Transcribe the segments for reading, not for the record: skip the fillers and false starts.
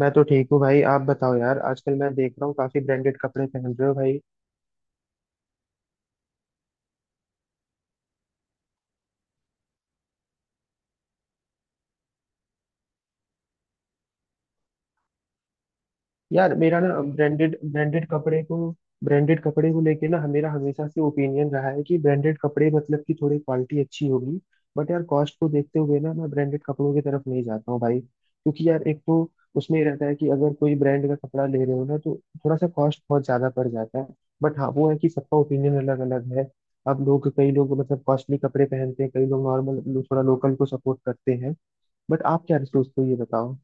मैं तो ठीक हूँ भाई। आप बताओ यार, आजकल मैं देख रहा हूँ काफी ब्रांडेड कपड़े पहन रहे हो भाई। यार मेरा ना ब्रांडेड ब्रांडेड कपड़े को लेके ना मेरा हमेशा से ओपिनियन रहा है कि ब्रांडेड कपड़े मतलब कि थोड़ी क्वालिटी अच्छी होगी। बट यार कॉस्ट को देखते हुए ना मैं ब्रांडेड कपड़ों की तरफ नहीं जाता हूँ भाई, क्योंकि यार एक तो उसमें ये रहता है कि अगर कोई ब्रांड का कपड़ा ले रहे हो ना, तो थोड़ा सा कॉस्ट बहुत ज्यादा पड़ जाता है। बट हाँ, वो है कि सबका ओपिनियन अलग अलग है। अब लोग, कई लोग मतलब कॉस्टली कपड़े पहनते हैं, कई लोग नॉर्मल थोड़ा लोकल को सपोर्ट करते हैं। बट आप क्या सोचते हो, ये बताओ।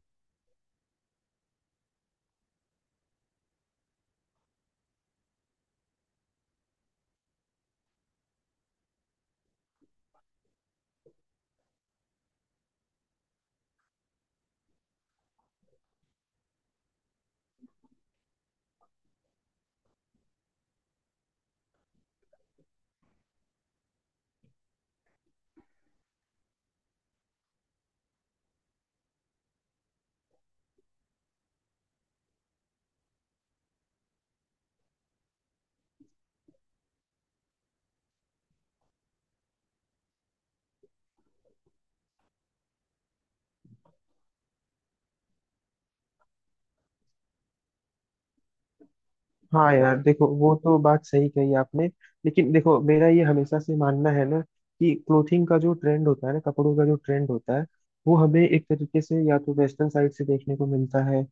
हाँ यार देखो, वो तो बात सही कही आपने। लेकिन देखो, मेरा ये हमेशा से मानना है ना कि क्लोथिंग का जो ट्रेंड होता है ना, कपड़ों का जो ट्रेंड होता है, वो हमें एक तरीके से या तो वेस्टर्न साइड से देखने को मिलता है,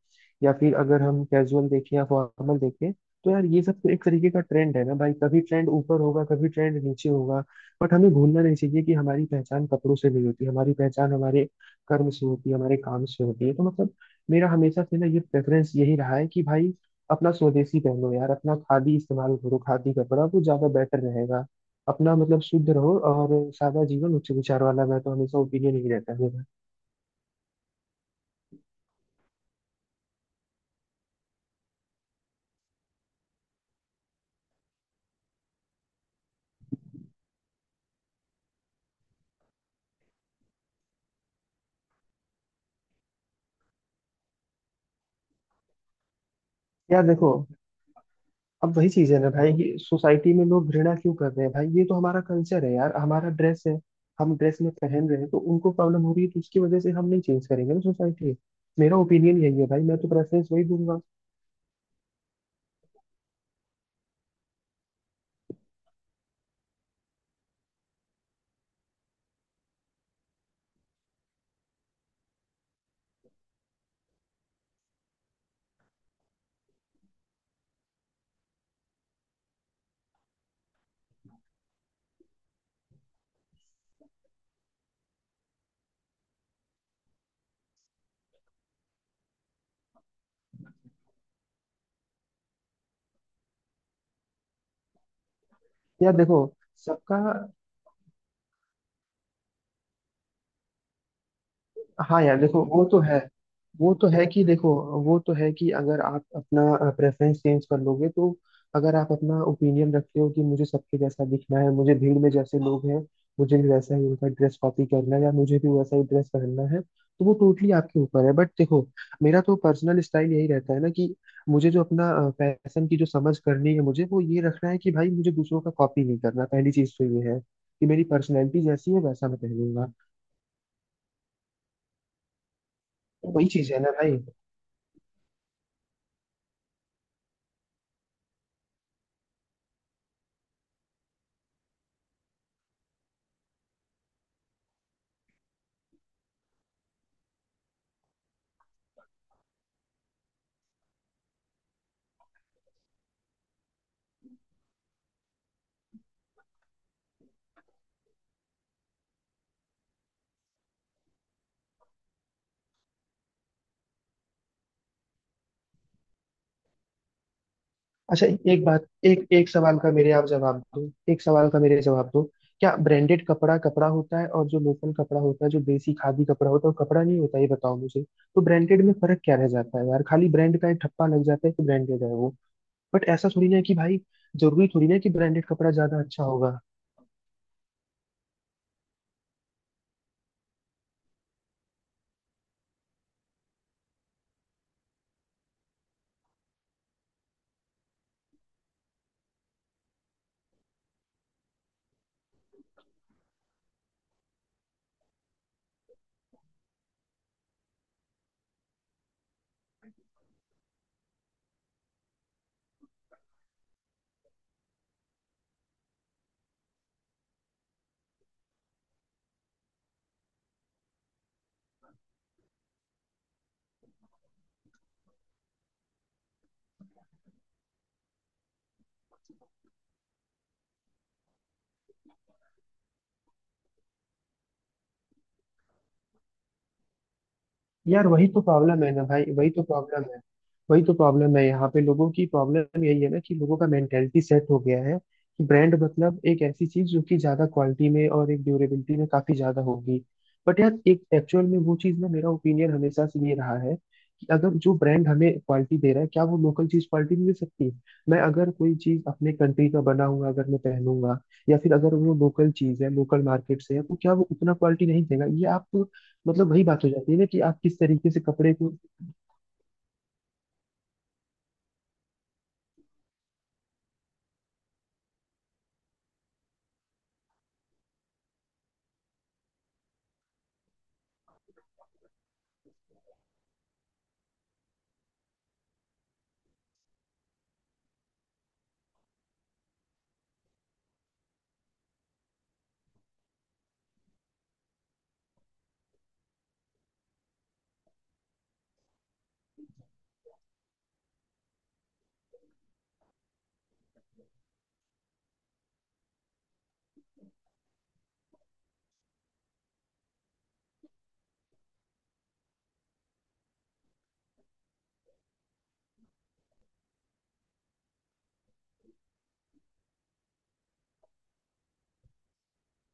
या फिर अगर हम कैजुअल देखें या फॉर्मल देखें, तो यार ये सब तो एक तरीके का ट्रेंड है ना भाई। कभी ट्रेंड ऊपर होगा, कभी ट्रेंड नीचे होगा। बट हमें भूलना नहीं चाहिए कि हमारी पहचान कपड़ों से नहीं होती, हमारी पहचान हमारे कर्म से होती है, हमारे काम से होती है। तो मतलब, मेरा हमेशा से ना ये प्रेफरेंस यही रहा है कि भाई अपना स्वदेशी पहनो यार, अपना खादी इस्तेमाल करो, खादी कपड़ा वो ज्यादा बेटर रहेगा। अपना मतलब शुद्ध रहो, और सादा जीवन उच्च विचार वाला मैं तो हमेशा ओपिनियन ही रहता है मेरा। यार देखो, अब वही चीज है ना भाई कि सोसाइटी में लोग घृणा क्यों कर रहे हैं? भाई ये तो हमारा कल्चर है यार, हमारा ड्रेस है। हम ड्रेस में पहन रहे हैं तो उनको प्रॉब्लम हो रही है, तो उसकी वजह से हम नहीं चेंज करेंगे ना सोसाइटी। मेरा ओपिनियन यही है भाई, मैं तो प्रेफरेंस वही दूंगा। यार देखो, सबका, हाँ यार देखो वो तो है। वो तो है कि देखो वो तो है कि अगर आप अपना प्रेफरेंस चेंज कर लोगे तो, अगर आप अपना ओपिनियन रखते हो कि मुझे सबके जैसा दिखना है, मुझे भीड़ में जैसे लोग हैं मुझे भी वैसा ही उनका ड्रेस कॉपी करना है, या मुझे भी वैसा ही ड्रेस पहनना है, तो वो टोटली आपके ऊपर है। बट देखो, मेरा तो पर्सनल स्टाइल यही रहता है ना कि मुझे जो अपना फैशन की जो समझ करनी है मुझे, वो ये रखना है कि भाई मुझे दूसरों का कॉपी नहीं करना। पहली चीज तो ये है कि मेरी पर्सनैलिटी जैसी है वैसा मैं पहनूंगा। वही चीज है ना भाई। अच्छा, एक बात, एक एक सवाल का मेरे आप जवाब दो। एक सवाल का मेरे जवाब दो, क्या ब्रांडेड कपड़ा कपड़ा होता है, और जो लोकल कपड़ा होता है, जो देसी खादी कपड़ा होता है, वो कपड़ा नहीं होता? ये बताओ मुझे। तो ब्रांडेड में फर्क क्या रह जाता है यार? खाली ब्रांड का एक ठप्पा लग जाता है कि ब्रांडेड है वो। बट ऐसा थोड़ी ना है कि भाई जरूरी थोड़ी ना है कि ब्रांडेड कपड़ा ज्यादा अच्छा होगा। यार वही तो प्रॉब्लम है ना भाई, वही तो प्रॉब्लम है यहाँ पे। लोगों की प्रॉब्लम यही है ना कि लोगों का मेंटेलिटी सेट हो गया है कि ब्रांड मतलब एक ऐसी चीज जो कि ज्यादा क्वालिटी में और एक ड्यूरेबिलिटी में काफी ज्यादा होगी। बट यार एक एक्चुअल में वो चीज ना, मेरा ओपिनियन हमेशा से ये रहा है कि अगर जो ब्रांड हमें क्वालिटी दे रहा है, क्या वो लोकल चीज क्वालिटी मिल सकती है? मैं अगर कोई चीज अपने कंट्री का बना हुआ अगर मैं पहनूंगा, या फिर अगर वो लोकल चीज है, लोकल मार्केट से है, तो क्या वो उतना क्वालिटी नहीं देगा? ये आप तो, मतलब वही बात हो जाती है ना कि आप किस तरीके से कपड़े को।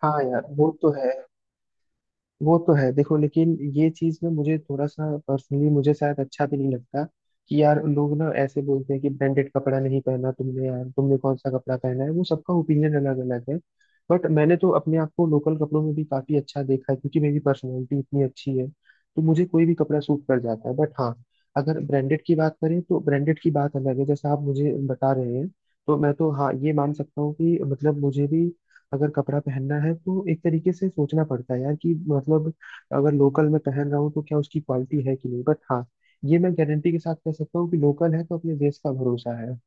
हाँ यार वो तो है, वो तो है। देखो लेकिन ये चीज ना मुझे थोड़ा सा पर्सनली मुझे शायद अच्छा भी नहीं लगता कि यार लोग ना ऐसे बोलते हैं कि ब्रांडेड कपड़ा नहीं पहना तुमने। यार तुमने कौन सा कपड़ा पहना है, वो सबका ओपिनियन अलग अलग है। बट मैंने तो अपने आप को लोकल कपड़ों में भी काफी अच्छा देखा है, क्योंकि मेरी पर्सनैलिटी इतनी अच्छी है तो मुझे कोई भी कपड़ा सूट कर जाता है। बट हाँ, अगर ब्रांडेड की बात करें तो ब्रांडेड की बात अलग है, जैसा आप मुझे बता रहे हैं। तो मैं तो हाँ ये मान सकता हूँ कि मतलब मुझे भी अगर कपड़ा पहनना है तो एक तरीके से सोचना पड़ता है यार, कि मतलब अगर लोकल में पहन रहा हूँ तो क्या उसकी क्वालिटी है कि नहीं। बट हाँ, ये मैं गारंटी के साथ कह सकता हूँ कि लोकल है तो अपने देश का भरोसा है।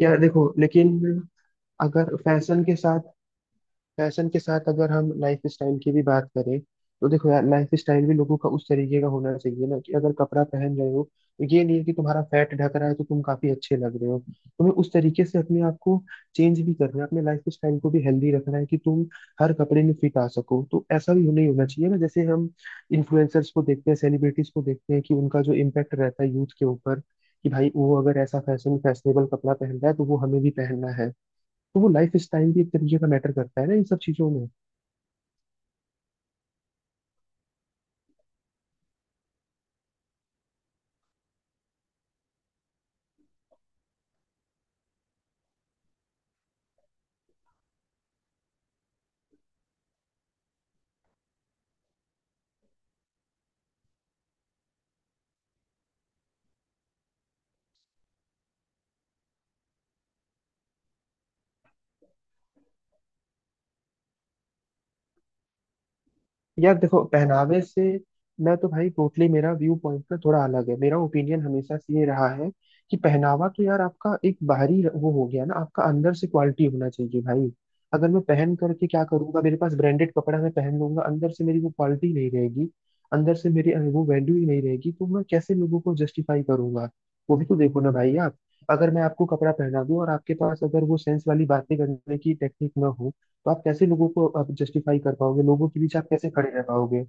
यार देखो लेकिन, अगर फैशन के साथ, फैशन के साथ अगर हम लाइफ स्टाइल की भी बात करें, तो देखो यार लाइफ स्टाइल भी लोगों का उस तरीके का होना चाहिए ना कि अगर कपड़ा पहन रहे हो, तो ये नहीं है कि तुम्हारा फैट ढक रहा है तो तुम काफी अच्छे लग रहे हो। तुम्हें उस तरीके से अपने आप को चेंज भी करना है, अपने लाइफ स्टाइल को भी हेल्दी रखना है कि तुम हर कपड़े में फिट आ सको। तो ऐसा भी नहीं होना चाहिए ना जैसे हम इन्फ्लुएंसर्स को देखते हैं, सेलिब्रिटीज को देखते हैं, कि उनका जो इम्पैक्ट रहता है यूथ के ऊपर कि भाई वो अगर ऐसा फैशन फैशनेबल कपड़ा पहन रहा है तो वो हमें भी पहनना है। तो वो लाइफ स्टाइल भी एक तरीके का मैटर करता है ना इन सब चीजों में। यार देखो, पहनावे से, मैं तो भाई टोटली मेरा व्यू पॉइंट ना थोड़ा अलग है। मेरा ओपिनियन हमेशा से ये रहा है कि पहनावा तो यार आपका एक बाहरी वो हो गया ना, आपका अंदर से क्वालिटी होना चाहिए भाई। अगर मैं पहन करके क्या करूंगा, मेरे पास ब्रांडेड कपड़ा मैं पहन लूंगा, अंदर से मेरी वो क्वालिटी नहीं रहेगी, अंदर से मेरी वो वैल्यू ही नहीं रहेगी, तो मैं कैसे लोगों को जस्टिफाई करूंगा? वो भी तो देखो ना भाई। आप, अगर मैं आपको कपड़ा पहना दूं और आपके पास अगर वो सेंस वाली बातें करने की टेक्निक ना हो, तो आप कैसे लोगों को आप जस्टिफाई कर पाओगे? लोगों के बीच आप कैसे खड़े रह पाओगे?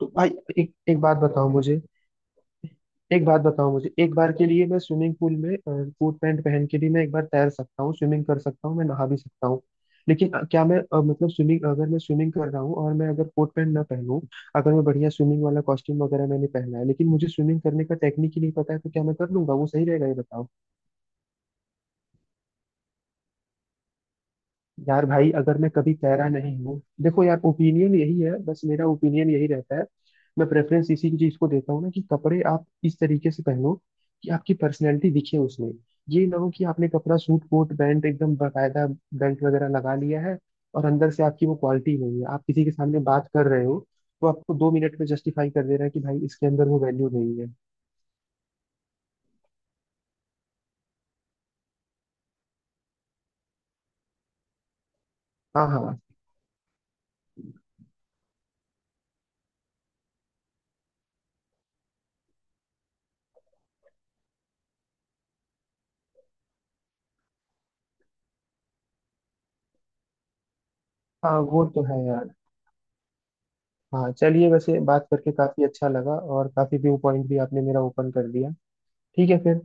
तो भाई, एक एक बात बताओ मुझे। एक बात बताओ मुझे, एक बार के लिए मैं स्विमिंग पूल में कोट पैंट पहन के भी मैं एक बार तैर सकता हूँ, स्विमिंग कर सकता हूँ, मैं नहा भी सकता हूँ। लेकिन क्या मैं मतलब स्विमिंग, अगर मैं स्विमिंग कर रहा हूँ और मैं अगर कोट पैंट ना पहनूं, अगर मैं बढ़िया स्विमिंग वाला कॉस्ट्यूम वगैरह मैंने पहना है, लेकिन मुझे स्विमिंग करने का टेक्निक ही नहीं पता है, तो क्या मैं कर लूंगा, वो सही रहेगा? ये बताओ। यार भाई, अगर मैं कभी कह रहा नहीं हूँ, देखो यार ओपिनियन यही है बस, मेरा ओपिनियन यही रहता है। मैं प्रेफरेंस इसी चीज को देता हूँ ना कि कपड़े आप इस तरीके से पहनो कि आपकी पर्सनैलिटी दिखे उसमें। ये ना हो कि आपने कपड़ा, सूट कोट पैंट एकदम बाकायदा बेल्ट वगैरह लगा लिया है, और अंदर से आपकी वो क्वालिटी नहीं है। आप किसी के सामने बात कर रहे हो तो आपको 2 मिनट में जस्टिफाई कर दे रहा है कि भाई इसके अंदर वो वैल्यू नहीं है। हाँ, हाँ, हाँ वो तो है यार। हाँ चलिए, वैसे बात करके काफी अच्छा लगा, और काफी व्यू पॉइंट भी आपने मेरा ओपन कर दिया। ठीक है फिर।